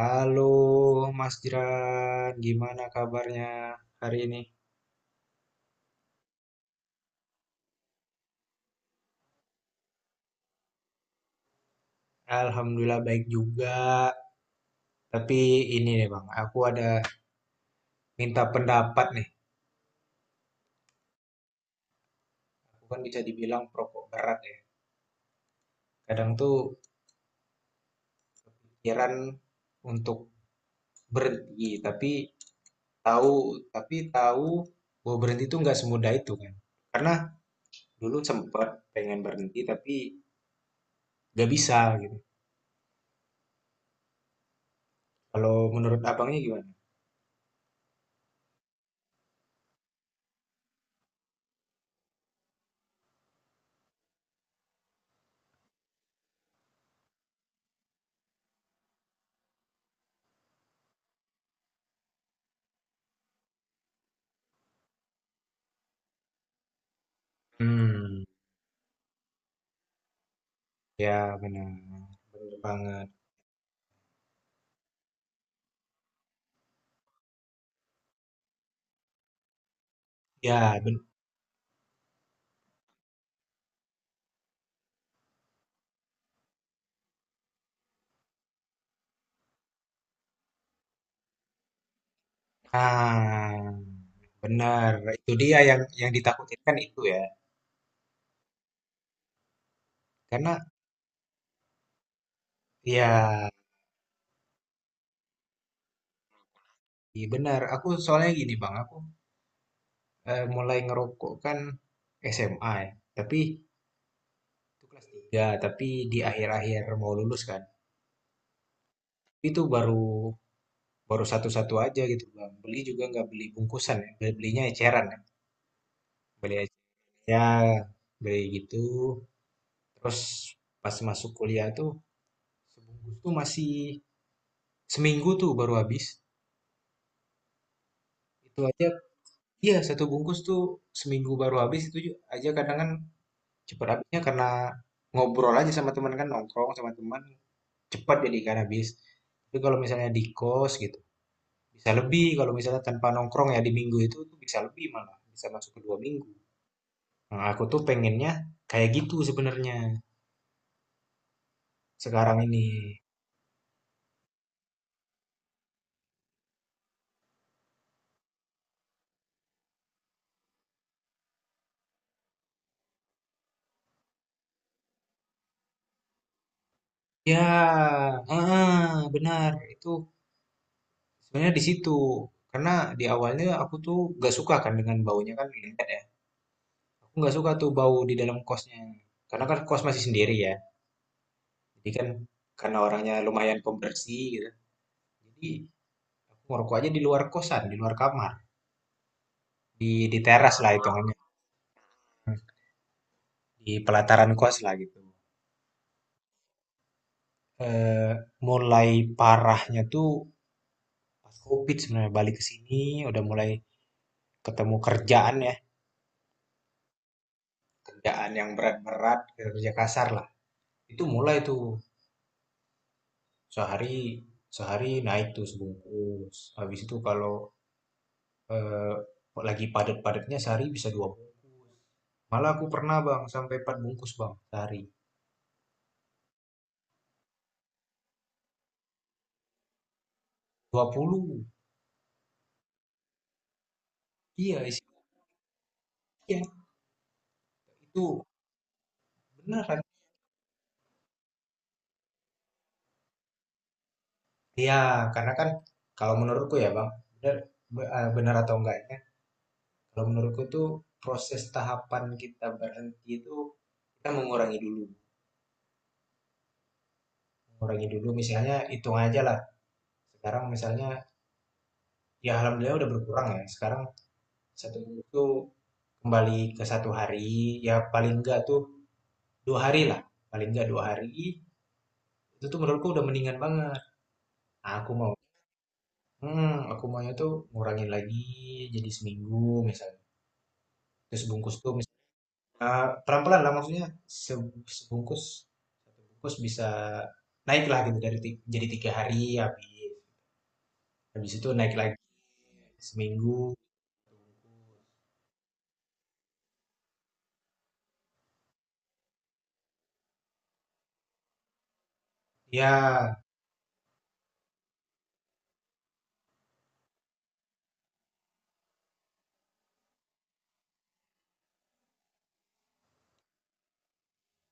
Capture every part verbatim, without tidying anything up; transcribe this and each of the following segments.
Halo Mas Jiran, gimana kabarnya hari ini? Alhamdulillah baik juga. Tapi ini nih Bang, aku ada minta pendapat nih. Aku kan bisa dibilang perokok berat ya. Kadang tuh pikiran untuk berhenti, tapi tahu tapi tahu bahwa berhenti tuh nggak semudah itu kan. Karena dulu sempat pengen berhenti tapi nggak bisa gitu. Kalau menurut abangnya gimana? Hmm, ya benar. Benar banget. Ya, ben nah, benar. Itu dia yang yang ditakutin kan itu ya. Karena ya, iya benar. Aku soalnya gini Bang, aku eh, mulai ngerokok kan S M A ya. Tapi itu kelas tiga tapi di akhir-akhir mau lulus kan. Itu baru baru satu-satu aja gitu Bang. Beli juga nggak beli bungkusan ya. Beli- Belinya eceran ya. Beli eceran. Ya, beli gitu. Terus pas masuk kuliah tuh sebungkus tuh masih seminggu tuh baru habis. Itu aja iya satu bungkus tuh seminggu baru habis itu ju aja kadang kan cepet habisnya karena ngobrol aja sama teman kan, nongkrong sama teman cepat jadi kan habis. Tapi kalau misalnya di kos gitu, bisa lebih kalau misalnya tanpa nongkrong ya di minggu itu tuh bisa lebih malah, bisa masuk ke dua minggu. Nah, aku tuh pengennya kayak gitu sebenarnya sekarang ini. Ya, ah benar. Itu sebenarnya di situ. Karena di awalnya aku tuh gak suka kan dengan baunya kan, nyengat ya. Aku nggak suka tuh bau di dalam kosnya. Karena kan kos masih sendiri ya. Jadi kan karena orangnya lumayan pembersih gitu. Jadi aku ngerokok aja di luar kosan, di luar kamar, di di teras lah hitungannya, di pelataran kos lah gitu. Eh, Mulai parahnya tuh pas COVID sebenarnya balik ke sini udah mulai ketemu kerjaan ya, kerjaan yang berat-berat, kerja kasar lah. Itu mulai tuh sehari sehari naik tuh sebungkus. Habis itu kalau eh, lagi padat-padatnya sehari bisa dua bungkus. Malah aku pernah bang sampai empat bungkus bang sehari. Dua puluh. Iya isi. Iya itu beneran. Iya karena kan kalau menurutku ya bang bener, be- eh, bener atau enggaknya kalau menurutku tuh proses tahapan kita berhenti itu kita mengurangi dulu. Mengurangi dulu misalnya hitung aja lah. Sekarang misalnya ya alhamdulillah udah berkurang ya. Sekarang satu bungkus tuh kembali ke satu hari ya paling enggak tuh dua hari lah, paling nggak dua hari, itu tuh menurutku udah mendingan banget. Nah, aku mau hmm, aku maunya tuh ngurangin lagi jadi seminggu misalnya. Terus bungkus tuh misalnya pelan-pelan lah maksudnya se- sebungkus satu bungkus bisa naik lah gitu dari ti- jadi tiga hari habis habis itu naik lagi seminggu ya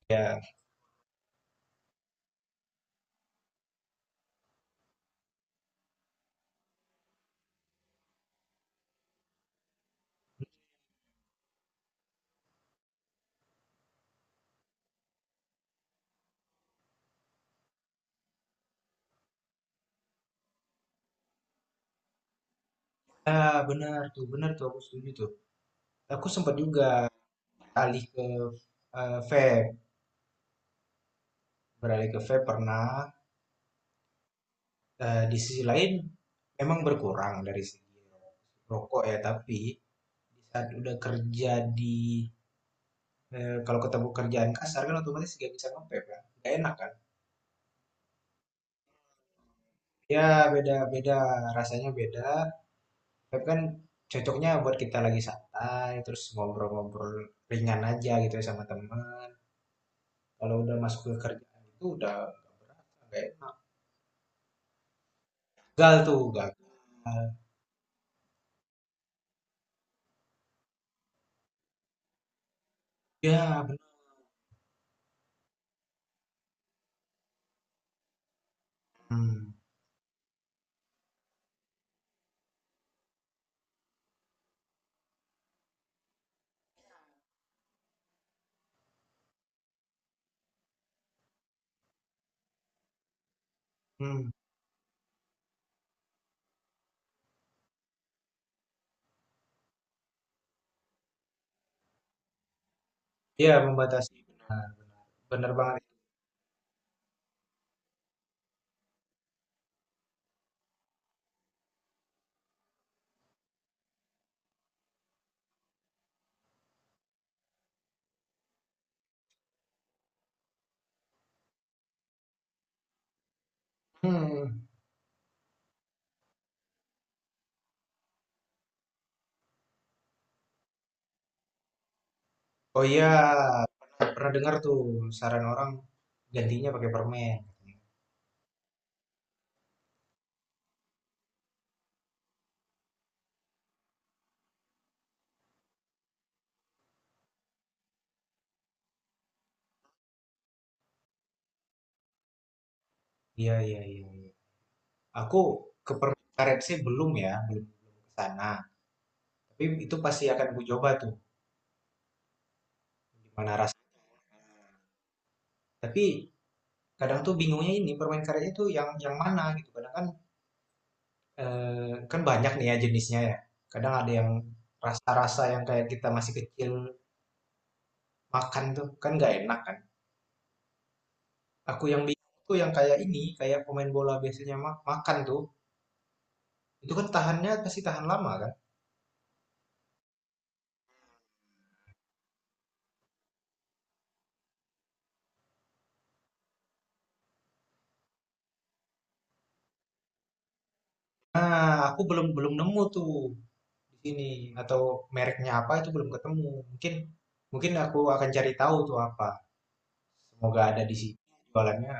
ya ah benar tuh benar tuh aku setuju tuh aku sempat juga alih ke eh, vape beralih ke vape pernah. Eee, di sisi lain memang berkurang dari segi rokok ya, tapi di saat udah kerja di eee, kalau ketemu kerjaan kasar kan otomatis nggak bisa nge-vape kan, gak enak kan? Ya beda beda, rasanya beda. Vape kan cocoknya buat kita lagi santai, terus ngobrol-ngobrol ringan aja gitu ya sama teman. Kalau udah masuk ke kerjaan itu udah nggak enak. Gagal tuh, gagal. Ya benar. Mhm, mhm. Iya membatasi, benar benar. Benar banget. Mhm. Oh iya, pernah, pernah dengar tuh saran orang gantinya pakai permen. Iya, iya, iya, iya. Aku ke permen karet sih belum ya, belum belum ke sana. Tapi itu pasti akan ku coba tuh gimana rasanya. Tapi kadang tuh bingungnya ini permen karet itu yang yang mana gitu. Kadang kan eh, kan banyak nih ya jenisnya ya. Kadang ada yang rasa-rasa yang kayak kita masih kecil makan tuh kan nggak enak kan. Aku yang bingung tuh yang kayak ini, kayak pemain bola biasanya ma- makan tuh. Itu kan tahannya pasti tahan lama kan. Nah, aku belum belum nemu tuh di sini atau mereknya apa itu belum ketemu. Mungkin Mungkin aku akan cari tahu tuh apa. Semoga ada di sini jualannya.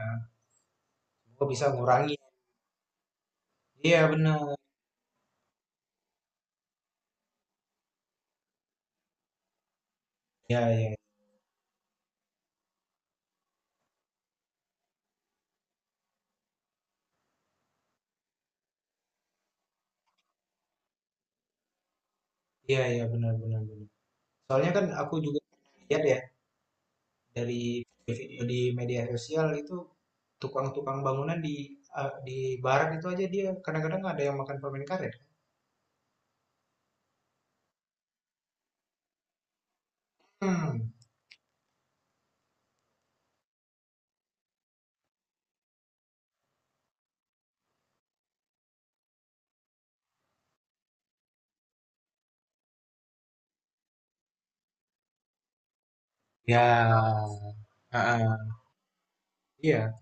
Semoga bisa ngurangi. Iya benar. Iya iya. Iya iya benar benar benar. Soalnya kan aku juga lihat ya dari video di media sosial itu tukang-tukang bangunan di eh, di barat itu aja dia kadang-kadang ada yang makan permen karet. Hmm. Ya, ah, ah, iya.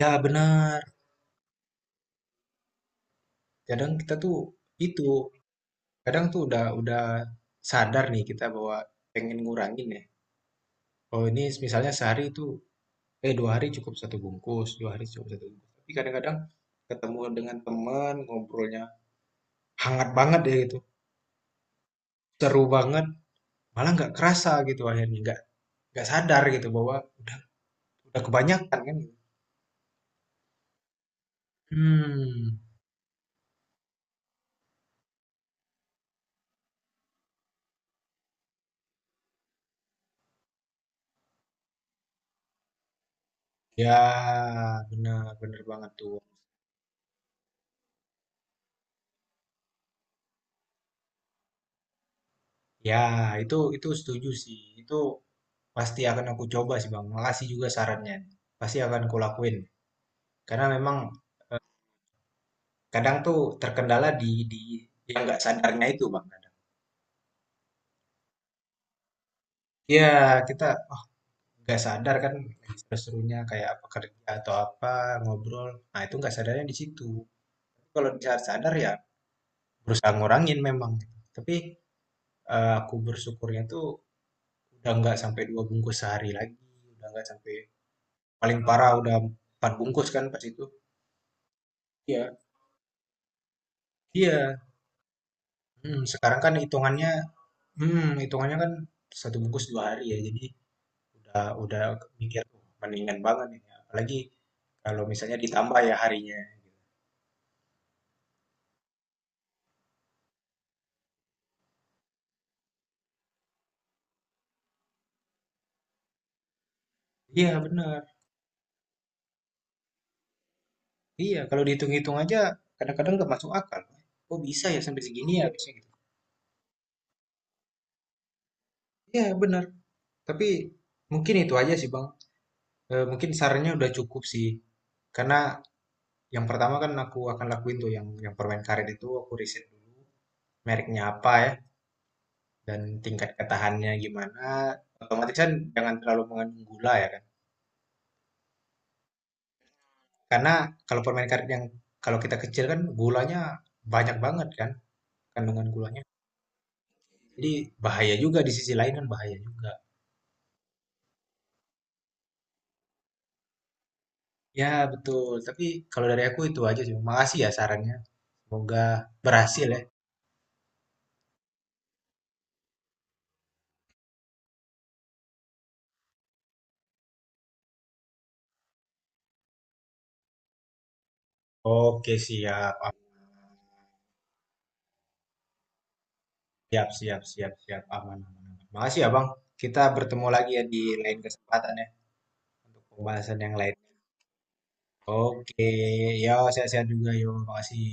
Ya benar. Kadang kita tuh itu kadang tuh udah udah sadar nih kita bahwa pengen ngurangin ya. Kalau ini misalnya sehari itu eh dua hari cukup satu bungkus, dua hari cukup satu bungkus. Tapi kadang-kadang ketemu dengan teman ngobrolnya hangat banget ya gitu, seru banget, malah nggak kerasa gitu akhirnya nggak nggak sadar gitu bahwa udah udah kebanyakan kan, gitu. Hmm, ya benar benar banget tuh. Ya itu itu setuju sih. Itu pasti akan aku coba sih Bang. Makasih juga sarannya. Pasti akan kulakuin. Karena memang kadang tuh terkendala di di yang nggak sadarnya itu Bang. Iya, kita oh, nggak sadar kan lagi seru-serunya kayak apa kerja atau apa ngobrol. Nah, itu nggak sadarnya di situ. Kalau sadar sadar ya berusaha ngurangin memang. Tapi eh, aku bersyukurnya tuh udah nggak sampai dua bungkus sehari lagi, udah nggak sampai paling parah udah empat bungkus kan pas itu. Iya. Iya. Hmm, sekarang kan hitungannya, hmm, hitungannya kan satu bungkus dua hari ya. Jadi udah udah mikir, tuh mendingan banget ini. Apalagi kalau misalnya ditambah ya harinya, gitu. Iya benar. Iya kalau dihitung-hitung aja kadang-kadang nggak masuk akal. Oh bisa ya sampai segini ya harusnya gitu. Iya benar. Tapi mungkin itu aja sih Bang. Eh, mungkin sarannya udah cukup sih. Karena yang pertama kan aku akan lakuin tuh yang yang permen karet itu aku riset dulu mereknya apa ya dan tingkat ketahannya gimana. Otomatis kan jangan terlalu mengandung gula ya kan. Karena kalau permen karet yang kalau kita kecil kan gulanya banyak banget kan kandungan gulanya. Jadi bahaya juga di sisi lain kan bahaya juga. Ya betul, tapi kalau dari aku itu aja sih. Makasih ya sarannya. Semoga berhasil ya. Oke, siap. Ah, siap, siap, siap, siap. Aman, aman, aman. Makasih ya, Bang. Kita bertemu lagi ya di lain kesempatan ya untuk pembahasan yang lain. Oke, yo sehat-sehat juga yo. Makasih.